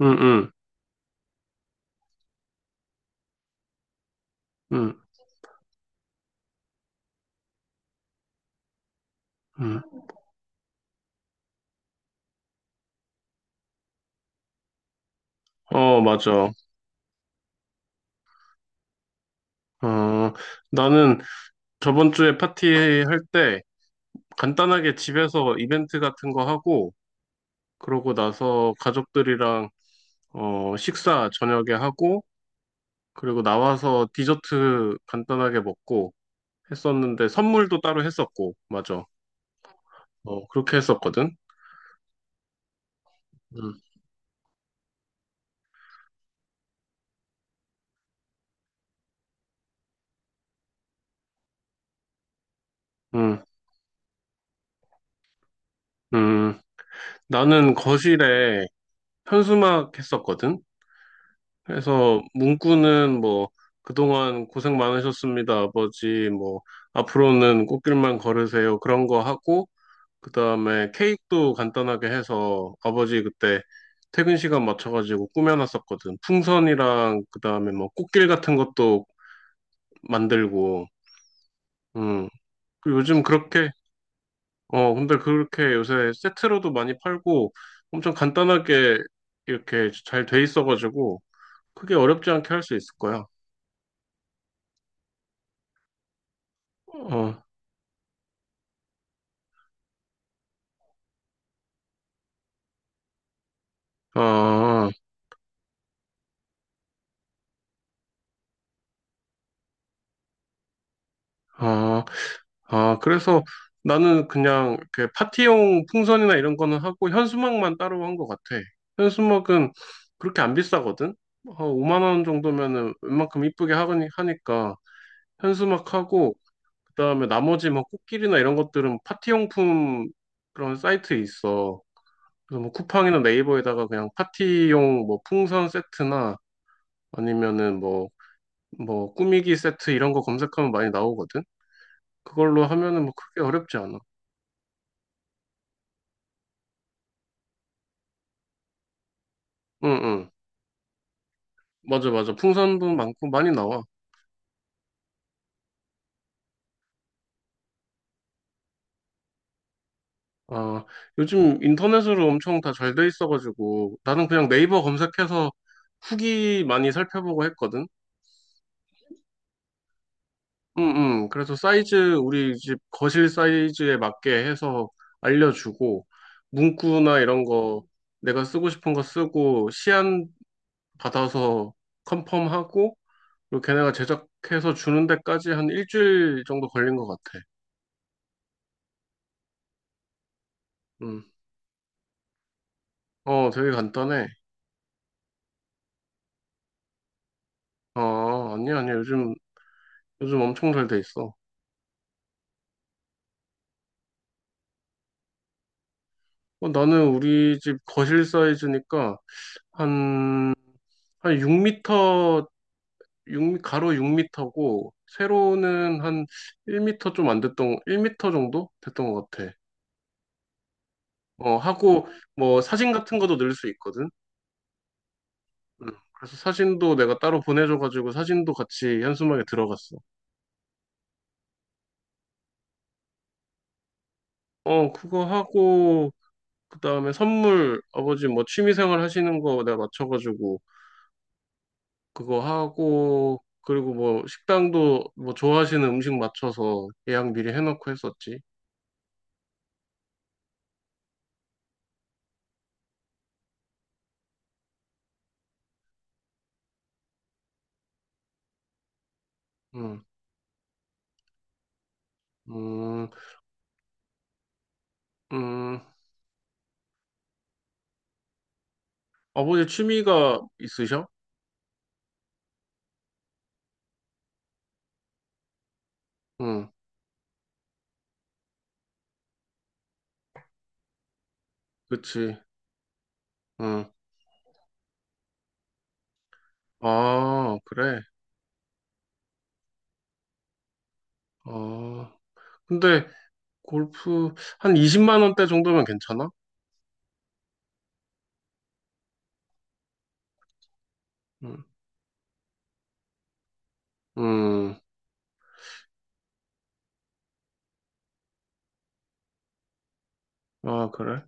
응, 응, 응, 응. 어, 맞아. 어, 나는 저번 주에 파티 할 때 간단하게 집에서 이벤트 같은 거 하고, 그러고 나서 가족들이랑 식사 저녁에 하고, 그리고 나와서 디저트 간단하게 먹고 했었는데 선물도 따로 했었고, 맞아. 어, 그렇게 했었거든. 응, 응, 응. 나는 거실에 현수막 했었거든. 그래서 문구는 뭐 그동안 고생 많으셨습니다, 아버지. 뭐 앞으로는 꽃길만 걸으세요. 그런 거 하고 그다음에 케이크도 간단하게 해서 아버지 그때 퇴근 시간 맞춰가지고 꾸며놨었거든. 풍선이랑 그다음에 뭐 꽃길 같은 것도 만들고. 음. 그리고 요즘 그렇게 어 근데 그렇게 요새 세트로도 많이 팔고 엄청 간단하게 이렇게 잘 돼 있어가지고 크게 어렵지 않게 할 수 있을 거야. 어. 아, 아, 아, 그래서 나는 그냥 이렇게 파티용 풍선이나 이런 거는 하고 현수막만 따로 한 것 같아. 현수막은 그렇게 안 비싸거든? 한 5만 원 정도면은 웬만큼 이쁘게 하니까 현수막하고 그다음에 나머지 뭐 꽃길이나 이런 것들은 파티용품 그런 사이트 있어. 그래서 뭐 쿠팡이나 네이버에다가 그냥 파티용 뭐 풍선 세트나 아니면은 뭐 꾸미기 세트 이런 거 검색하면 많이 나오거든. 그걸로 하면은 뭐 크게 어렵지 않아. 응, 응. 맞아, 맞아. 풍선도 많고 많이 나와. 아, 요즘 인터넷으로 엄청 다 잘 돼 있어가지고 나는 그냥 네이버 검색해서 후기 많이 살펴보고 했거든. 응, 응. 그래서 사이즈, 우리 집 거실 사이즈에 맞게 해서 알려주고 문구나 이런 거 내가 쓰고 싶은 거 쓰고 시안 받아서 컨펌하고 그리고 걔네가 제작해서 주는 데까지 한 일주일 정도 걸린 것 같아. 응. 어, 되게 간단해. 아, 아니야, 아니야. 요즘 엄청 잘 돼 있어. 어, 나는 우리 집 거실 사이즈니까 한, 6미터, 가로 6미터고, 세로는 한 1미터 좀 안 됐던, 1미터 정도 됐던 것 같아. 어, 하고, 뭐, 사진 같은 것도 넣을 수 있거든. 음, 그래서 사진도 내가 따로 보내줘가지고 사진도 같이 현수막에 들어갔어. 어, 그거 하고, 그 다음에 선물, 아버지 뭐 취미생활 하시는 거 내가 맞춰가지고 그거 하고 그리고 뭐 식당도 뭐 좋아하시는 음식 맞춰서 예약 미리 해놓고 했었지. 응, 음, 음, 아버지 취미가 있으셔? 응, 그치. 응, 아, 그래. 아, 근데 골프 한 20만 원대 정도면 괜찮아? 응, 음, 아, 그래.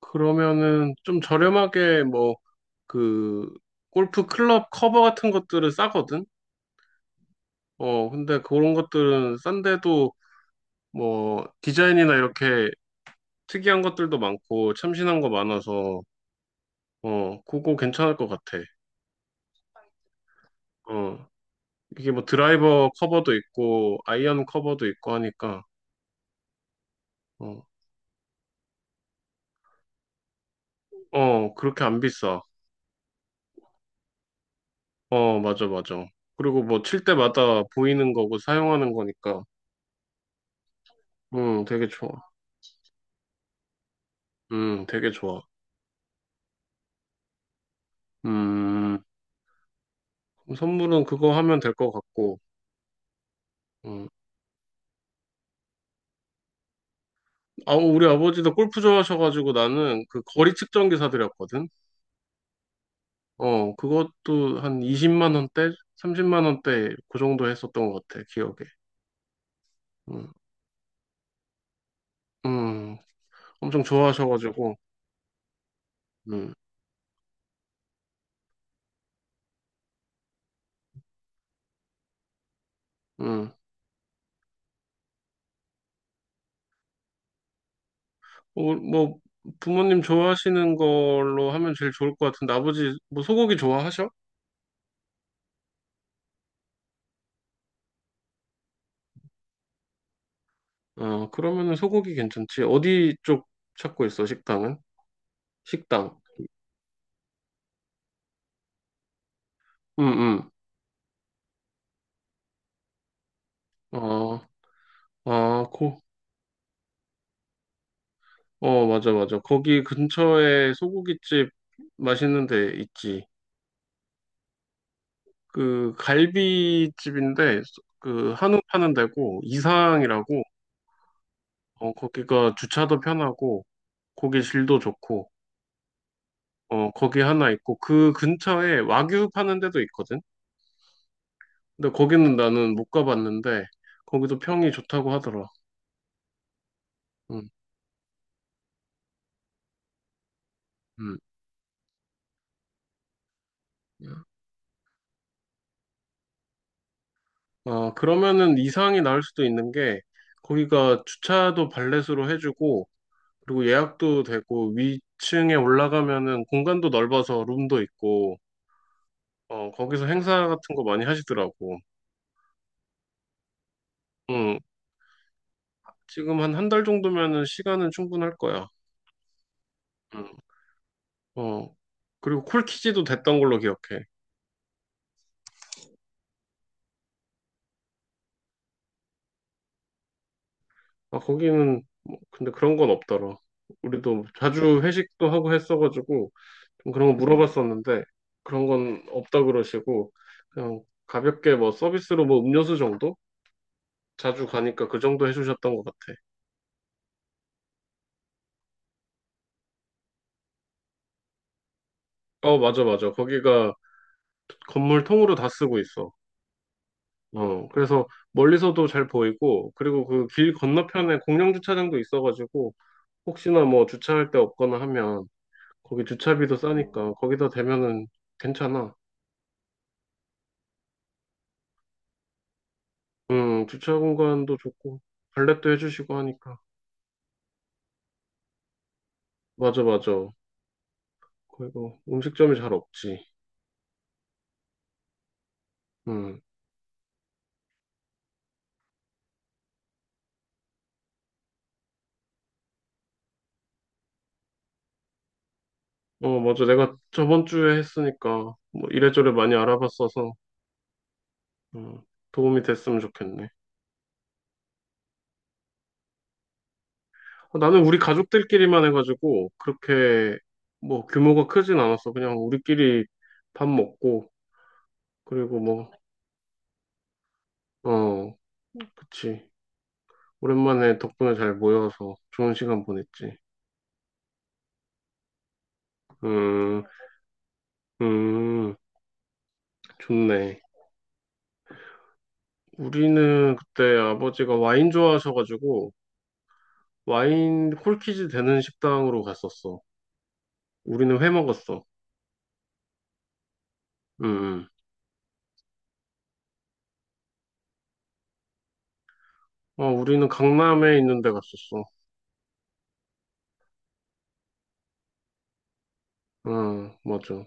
그러면은 좀 저렴하게 뭐 그 골프 클럽 커버 같은 것들은 싸거든? 어, 근데 그런 것들은 싼데도 뭐 디자인이나 이렇게 특이한 것들도 많고 참신한 거 많아서 어 그거 괜찮을 것 같아. 어 이게 뭐 드라이버 커버도 있고 아이언 커버도 있고 하니까 어, 어 그렇게 안 비싸. 어 맞아 맞아. 그리고 뭐 칠 때마다 보이는 거고 사용하는 거니까 되게 좋아. 되게 좋아. 음 선물은 그거 하면 될 것 같고. 음. 아, 우리 아버지도 골프 좋아하셔가지고 나는 그 거리 측정기 사드렸거든. 어, 그것도 한 20만 원대, 30만 원대 그 정도 했었던 것 같아, 기억에. 음, 음, 엄청 좋아하셔가지고, 음, 음. 어, 뭐 부모님 좋아하시는 걸로 하면 제일 좋을 것 같은데 아버지 뭐 소고기 좋아하셔? 어, 그러면은 소고기 괜찮지. 어디 쪽 찾고 있어, 식당은? 식당. 음, 음. 어, 아, 고, 맞아, 맞아. 거기 근처에 소고기집 맛있는 데 있지. 그 갈비집인데 그 한우 파는 데고 이상이라고 어 거기가 주차도 편하고 고기 질도 좋고 어 거기 하나 있고 그 근처에 와규 파는 데도 있거든. 근데 거기는 나는 못 가봤는데 거기도 평이 좋다고 하더라. 음, 음. 그러면은 이상이 나을 수도 있는 게 거기가 주차도 발렛으로 해주고 그리고 예약도 되고 위층에 올라가면은 공간도 넓어서 룸도 있고 어, 거기서 행사 같은 거 많이 하시더라고. 응. 지금 한 한 달 정도면은 시간은 충분할 거야. 응. 어. 그리고 콜키지도 됐던 걸로 기억해. 아, 거기는 뭐, 근데 그런 건 없더라. 우리도 자주 회식도 하고 했어가지고 좀 그런 거 물어봤었는데 그런 건 없다 그러시고 그냥 가볍게 뭐 서비스로 뭐 음료수 정도? 자주 가니까 그 정도 해주셨던 것 같아. 어, 맞아, 맞아. 거기가 건물 통으로 다 쓰고 있어. 어, 그래서 멀리서도 잘 보이고, 그리고 그 길 건너편에 공영 주차장도 있어가지고, 혹시나 뭐 주차할 데 없거나 하면, 거기 주차비도 싸니까, 거기다 대면은 괜찮아. 주차 공간도 좋고, 발렛도 해주시고 하니까. 맞아, 맞아. 그리고 음식점이 잘 없지. 음, 어, 맞아. 내가 저번 주에 했으니까, 뭐 이래저래 많이 알아봤어서, 음, 도움이 됐으면 좋겠네. 어, 나는 우리 가족들끼리만 해가지고 그렇게 뭐 규모가 크진 않았어. 그냥 우리끼리 밥 먹고 그리고 뭐, 어, 그치. 오랜만에 덕분에 잘 모여서 좋은 시간 보냈지. 음, 음, 좋네. 우리는 그때 아버지가 와인 좋아하셔가지고 와인 콜키지 되는 식당으로 갔었어. 우리는 회 먹었어. 음, 음. 어, 우리는 강남에 있는 데 갔었어. 응, 맞아.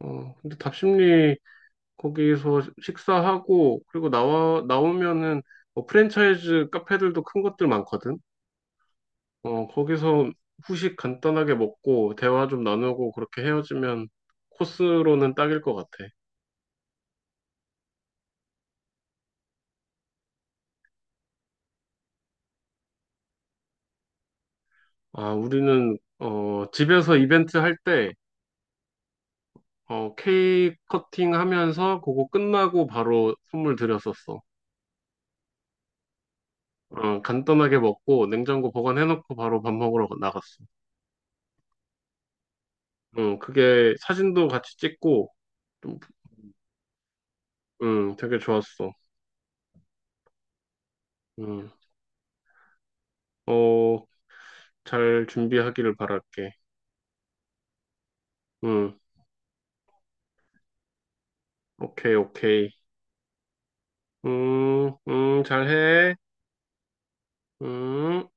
어, 근데 답심리 거기서 식사하고 그리고 나와 나오면은 뭐 프랜차이즈 카페들도 큰 것들 많거든. 어, 거기서 후식 간단하게 먹고 대화 좀 나누고 그렇게 헤어지면 코스로는 딱일 것 같아. 아, 우리는 집에서 이벤트 할 때 어, 케이크 커팅 하면서 그거 끝나고 바로 선물 드렸었어. 어, 간단하게 먹고 냉장고 보관해놓고 바로 밥 먹으러 나갔어. 응, 그게 사진도 같이 찍고 좀, 응, 되게 좋았어. 음, 어, 잘 준비하기를 바랄게. 음, 오케이, 오케이. 잘해. 음.